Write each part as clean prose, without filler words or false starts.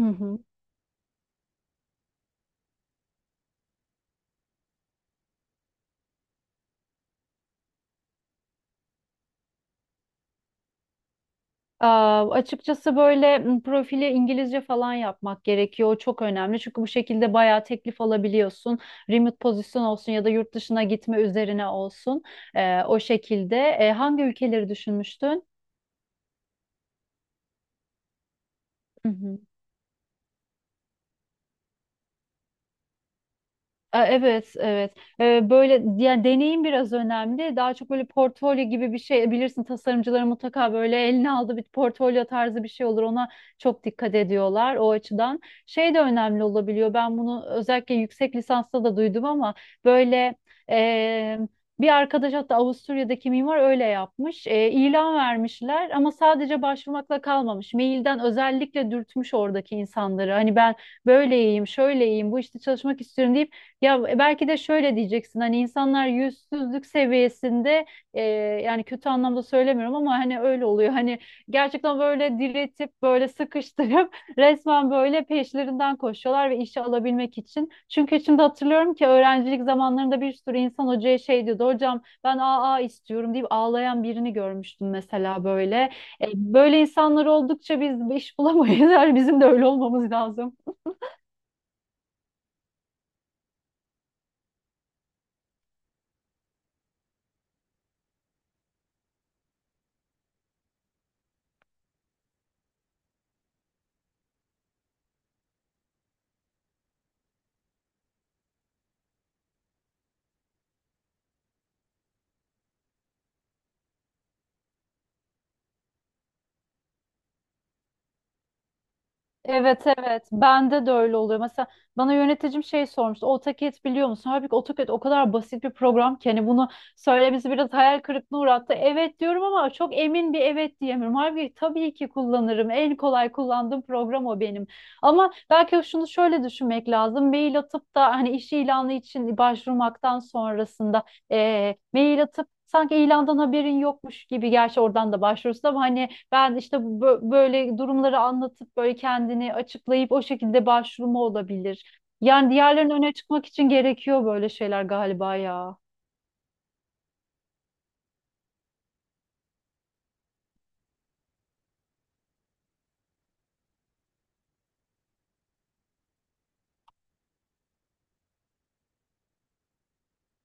Hı hı. Aa, açıkçası böyle profili İngilizce falan yapmak gerekiyor. O çok önemli. Çünkü bu şekilde bayağı teklif alabiliyorsun. Remote pozisyon olsun ya da yurt dışına gitme üzerine olsun. O şekilde. Hangi ülkeleri düşünmüştün? Hı hı. Evet, evet. Böyle yani deneyim biraz önemli. Daha çok böyle portfolyo gibi bir şey bilirsin tasarımcıların mutlaka böyle eline aldığı bir portfolyo tarzı bir şey olur. Ona çok dikkat ediyorlar o açıdan. Şey de önemli olabiliyor. Ben bunu özellikle yüksek lisansta da duydum ama böyle e, bir arkadaş hatta Avusturya'daki mimar öyle yapmış. E, ilan vermişler ama sadece başvurmakla kalmamış. Mailden özellikle dürtmüş oradaki insanları. Hani ben böyleyim, şöyleyim, bu işte çalışmak istiyorum diye ya belki de şöyle diyeceksin hani insanlar yüzsüzlük seviyesinde e, yani kötü anlamda söylemiyorum ama hani öyle oluyor. Hani gerçekten böyle diretip böyle sıkıştırıp resmen böyle peşlerinden koşuyorlar ve işe alabilmek için. Çünkü şimdi hatırlıyorum ki öğrencilik zamanlarında bir sürü insan hocaya şey diyordu. Hocam ben AA istiyorum deyip ağlayan birini görmüştüm mesela böyle. Böyle insanlar oldukça biz iş bulamayız. Yani bizim de öyle olmamız lazım. Evet, evet, bende de öyle oluyor. Mesela bana yöneticim şey sormuştu. AutoCAD biliyor musun? Halbuki AutoCAD o kadar basit bir program ki hani bunu söylemesi biraz hayal kırıklığına uğrattı. Evet diyorum ama çok emin bir evet diyemiyorum. Halbuki tabii ki kullanırım. En kolay kullandığım program o benim. Ama belki şunu şöyle düşünmek lazım. Mail atıp da hani iş ilanı için başvurmaktan sonrasında mail atıp sanki ilandan haberin yokmuş gibi gerçi oradan da başvurursun ama hani ben işte böyle durumları anlatıp böyle kendini açıklayıp o şekilde başvurumu olabilir. Yani diğerlerinin öne çıkmak için gerekiyor böyle şeyler galiba ya.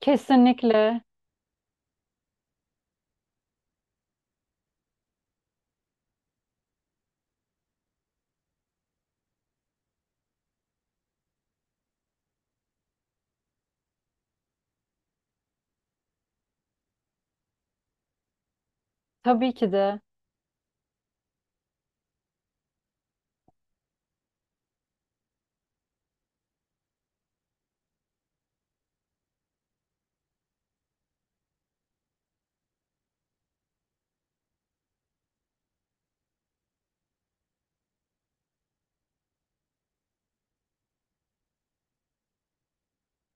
Kesinlikle. Tabii ki de.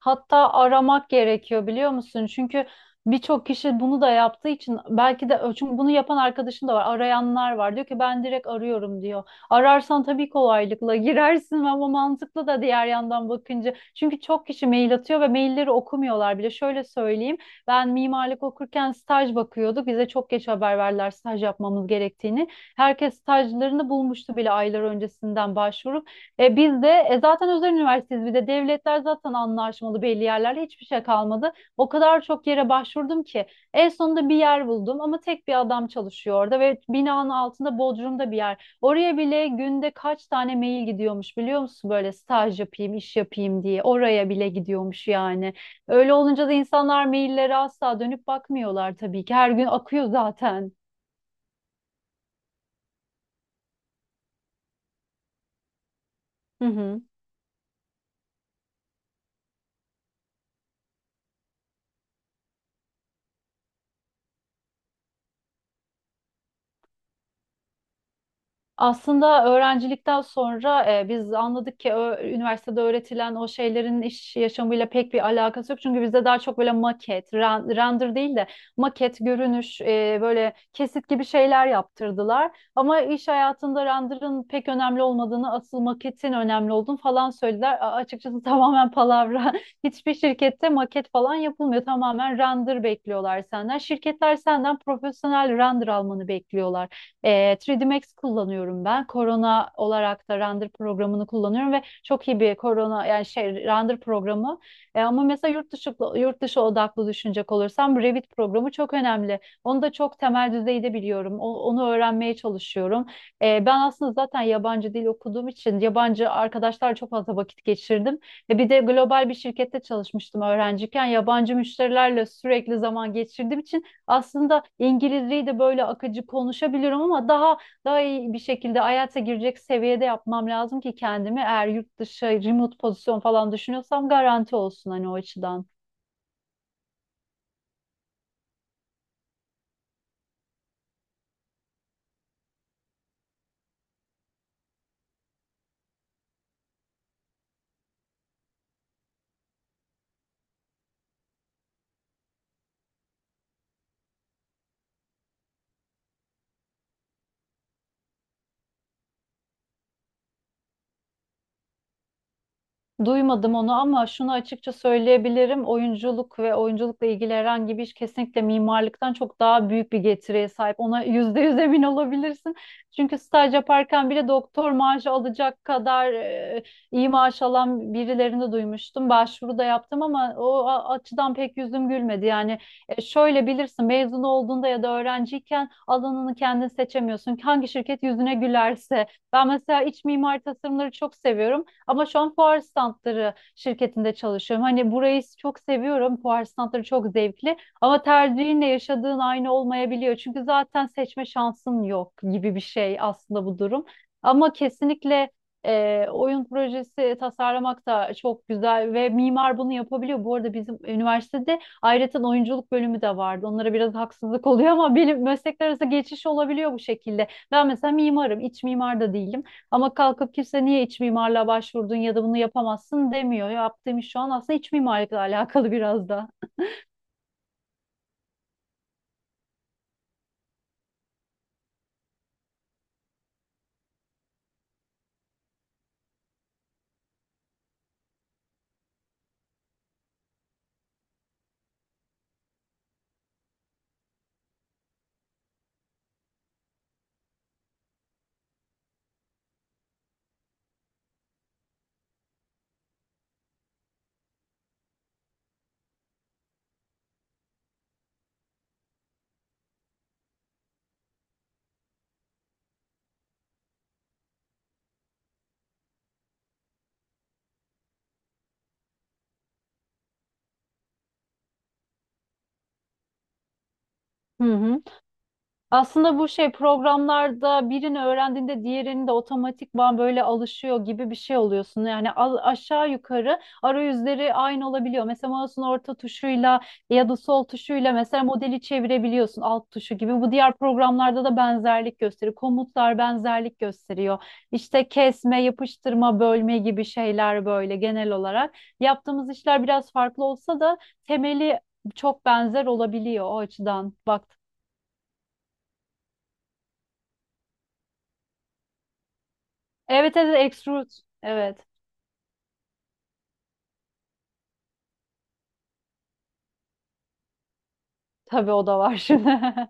Hatta aramak gerekiyor biliyor musun? Çünkü birçok kişi bunu da yaptığı için belki de çünkü bunu yapan arkadaşım da var. Arayanlar var. Diyor ki ben direkt arıyorum diyor. Ararsan tabii kolaylıkla girersin ama mantıklı da diğer yandan bakınca. Çünkü çok kişi mail atıyor ve mailleri okumuyorlar bile. Şöyle söyleyeyim. Ben mimarlık okurken staj bakıyorduk. Bize çok geç haber verdiler staj yapmamız gerektiğini. Herkes stajlarını bulmuştu bile aylar öncesinden başvuru. Biz de zaten özel üniversiteyiz bir de devletler zaten anlaşmalı belli yerlerle hiçbir şey kalmadı. O kadar çok yere başvurdum ki en sonunda bir yer buldum ama tek bir adam çalışıyor orada ve binanın altında Bodrum'da bir yer. Oraya bile günde kaç tane mail gidiyormuş biliyor musun böyle staj yapayım iş yapayım diye oraya bile gidiyormuş yani. Öyle olunca da insanlar maillere asla dönüp bakmıyorlar tabii ki her gün akıyor zaten. Hı hı. Aslında öğrencilikten sonra biz anladık ki üniversitede öğretilen o şeylerin iş yaşamıyla pek bir alakası yok. Çünkü bizde daha çok böyle maket, render değil de maket, görünüş, böyle kesit gibi şeyler yaptırdılar. Ama iş hayatında render'ın pek önemli olmadığını, asıl maketin önemli olduğunu falan söylediler. Açıkçası tamamen palavra. Hiçbir şirkette maket falan yapılmıyor. Tamamen render bekliyorlar senden. Şirketler senden profesyonel render almanı bekliyorlar. E, 3D Max kullanıyorum ben. Corona olarak da render programını kullanıyorum ve çok iyi bir Corona yani şey render programı. Ama mesela yurt dışı odaklı düşünecek olursam Revit programı çok önemli. Onu da çok temel düzeyde biliyorum. Onu öğrenmeye çalışıyorum. Ben aslında zaten yabancı dil okuduğum için yabancı arkadaşlarla çok fazla vakit geçirdim. Bir de global bir şirkette çalışmıştım öğrenciyken. Yabancı müşterilerle sürekli zaman geçirdiğim için aslında İngilizceyi de böyle akıcı konuşabiliyorum ama daha iyi bir şekilde hayata girecek seviyede yapmam lazım ki kendimi eğer yurt dışı remote pozisyon falan düşünüyorsam garanti olsun hani o açıdan. Duymadım onu ama şunu açıkça söyleyebilirim. Oyunculuk ve oyunculukla ilgili herhangi bir iş kesinlikle mimarlıktan çok daha büyük bir getiriye sahip. Ona %100 emin olabilirsin. Çünkü staj yaparken bile doktor maaşı alacak kadar iyi maaş alan birilerini duymuştum. Başvuru da yaptım ama o açıdan pek yüzüm gülmedi. Yani şöyle bilirsin mezun olduğunda ya da öğrenciyken alanını kendin seçemiyorsun. Hangi şirket yüzüne gülerse. Ben mesela iç mimari tasarımları çok seviyorum. Ama şu an fuar standları şirketinde çalışıyorum. Hani burayı çok seviyorum. Fuar standları çok zevkli. Ama tercihinle yaşadığın aynı olmayabiliyor. Çünkü zaten seçme şansın yok gibi bir şey aslında bu durum. Ama kesinlikle oyun projesi tasarlamak da çok güzel ve mimar bunu yapabiliyor. Bu arada bizim üniversitede ayrıca oyunculuk bölümü de vardı. Onlara biraz haksızlık oluyor ama benim meslekler arası geçiş olabiliyor bu şekilde. Ben mesela mimarım, iç mimar da değilim. Ama kalkıp kimse niye iç mimarlığa başvurdun ya da bunu yapamazsın demiyor. Yaptığım iş şu an aslında iç mimarlıkla alakalı biraz da. Hı hı. Aslında bu şey programlarda birini öğrendiğinde diğerini de otomatikman böyle alışıyor gibi bir şey oluyorsun. Yani aşağı yukarı arayüzleri aynı olabiliyor. Mesela mouse'un orta tuşuyla ya da sol tuşuyla mesela modeli çevirebiliyorsun alt tuşu gibi. Bu diğer programlarda da benzerlik gösteriyor. Komutlar benzerlik gösteriyor. İşte kesme, yapıştırma, bölme gibi şeyler böyle genel olarak. Yaptığımız işler biraz farklı olsa da temeli çok benzer olabiliyor o açıdan. Evet, evet, Extrude. Evet. Tabii o da var şimdi.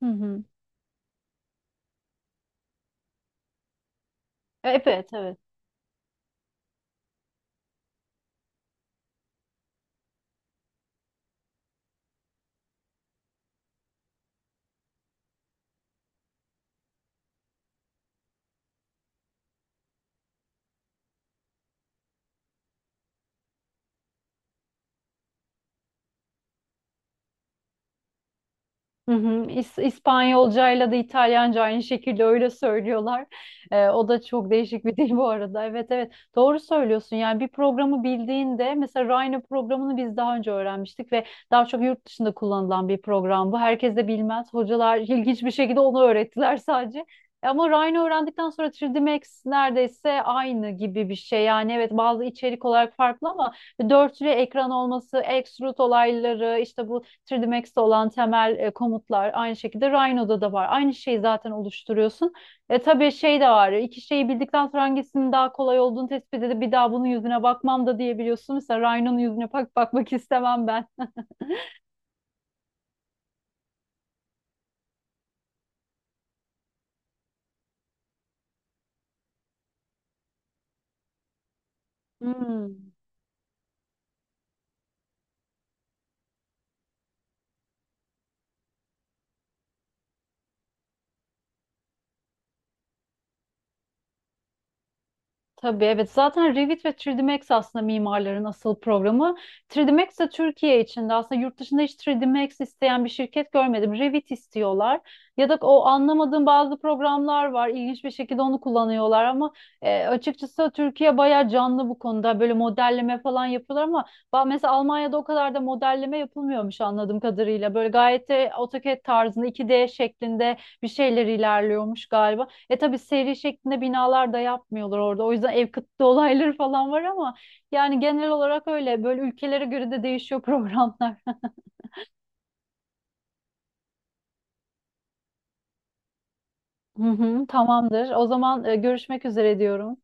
Hı hı. Evet, evet. Hı hı. İspanyolcayla da İtalyanca aynı şekilde öyle söylüyorlar. O da çok değişik bir dil bu arada. Evet, evet, doğru söylüyorsun. Yani bir programı bildiğinde mesela Rhino programını biz daha önce öğrenmiştik ve daha çok yurt dışında kullanılan bir program bu. Herkes de bilmez. Hocalar ilginç bir şekilde onu öğrettiler sadece. Ama Rhino öğrendikten sonra 3D Max neredeyse aynı gibi bir şey. Yani evet bazı içerik olarak farklı ama dörtlü ekran olması, extrude olayları, işte bu 3D Max'te olan temel komutlar aynı şekilde Rhino'da da var. Aynı şeyi zaten oluşturuyorsun. Tabii şey de var. İki şeyi bildikten sonra hangisinin daha kolay olduğunu tespit edip bir daha bunun yüzüne bakmam da diyebiliyorsun. Mesela Rhino'nun yüzüne bakmak istemem ben. Hmm. Tabii evet zaten Revit ve 3D Max aslında mimarların asıl programı. 3D Max de Türkiye içinde aslında yurt dışında hiç 3D Max isteyen bir şirket görmedim. Revit istiyorlar ya da o anlamadığım bazı programlar var ilginç bir şekilde onu kullanıyorlar ama açıkçası Türkiye bayağı canlı bu konuda böyle modelleme falan yapıyorlar ama mesela Almanya'da o kadar da modelleme yapılmıyormuş anladığım kadarıyla. Böyle gayet de AutoCAD tarzında 2D şeklinde bir şeyler ilerliyormuş galiba. Tabii seri şeklinde binalar da yapmıyorlar orada. O yüzden ev kıtlığı olayları falan var ama yani genel olarak öyle. Böyle ülkelere göre de değişiyor programlar. Hı hı, tamamdır. O zaman görüşmek üzere diyorum.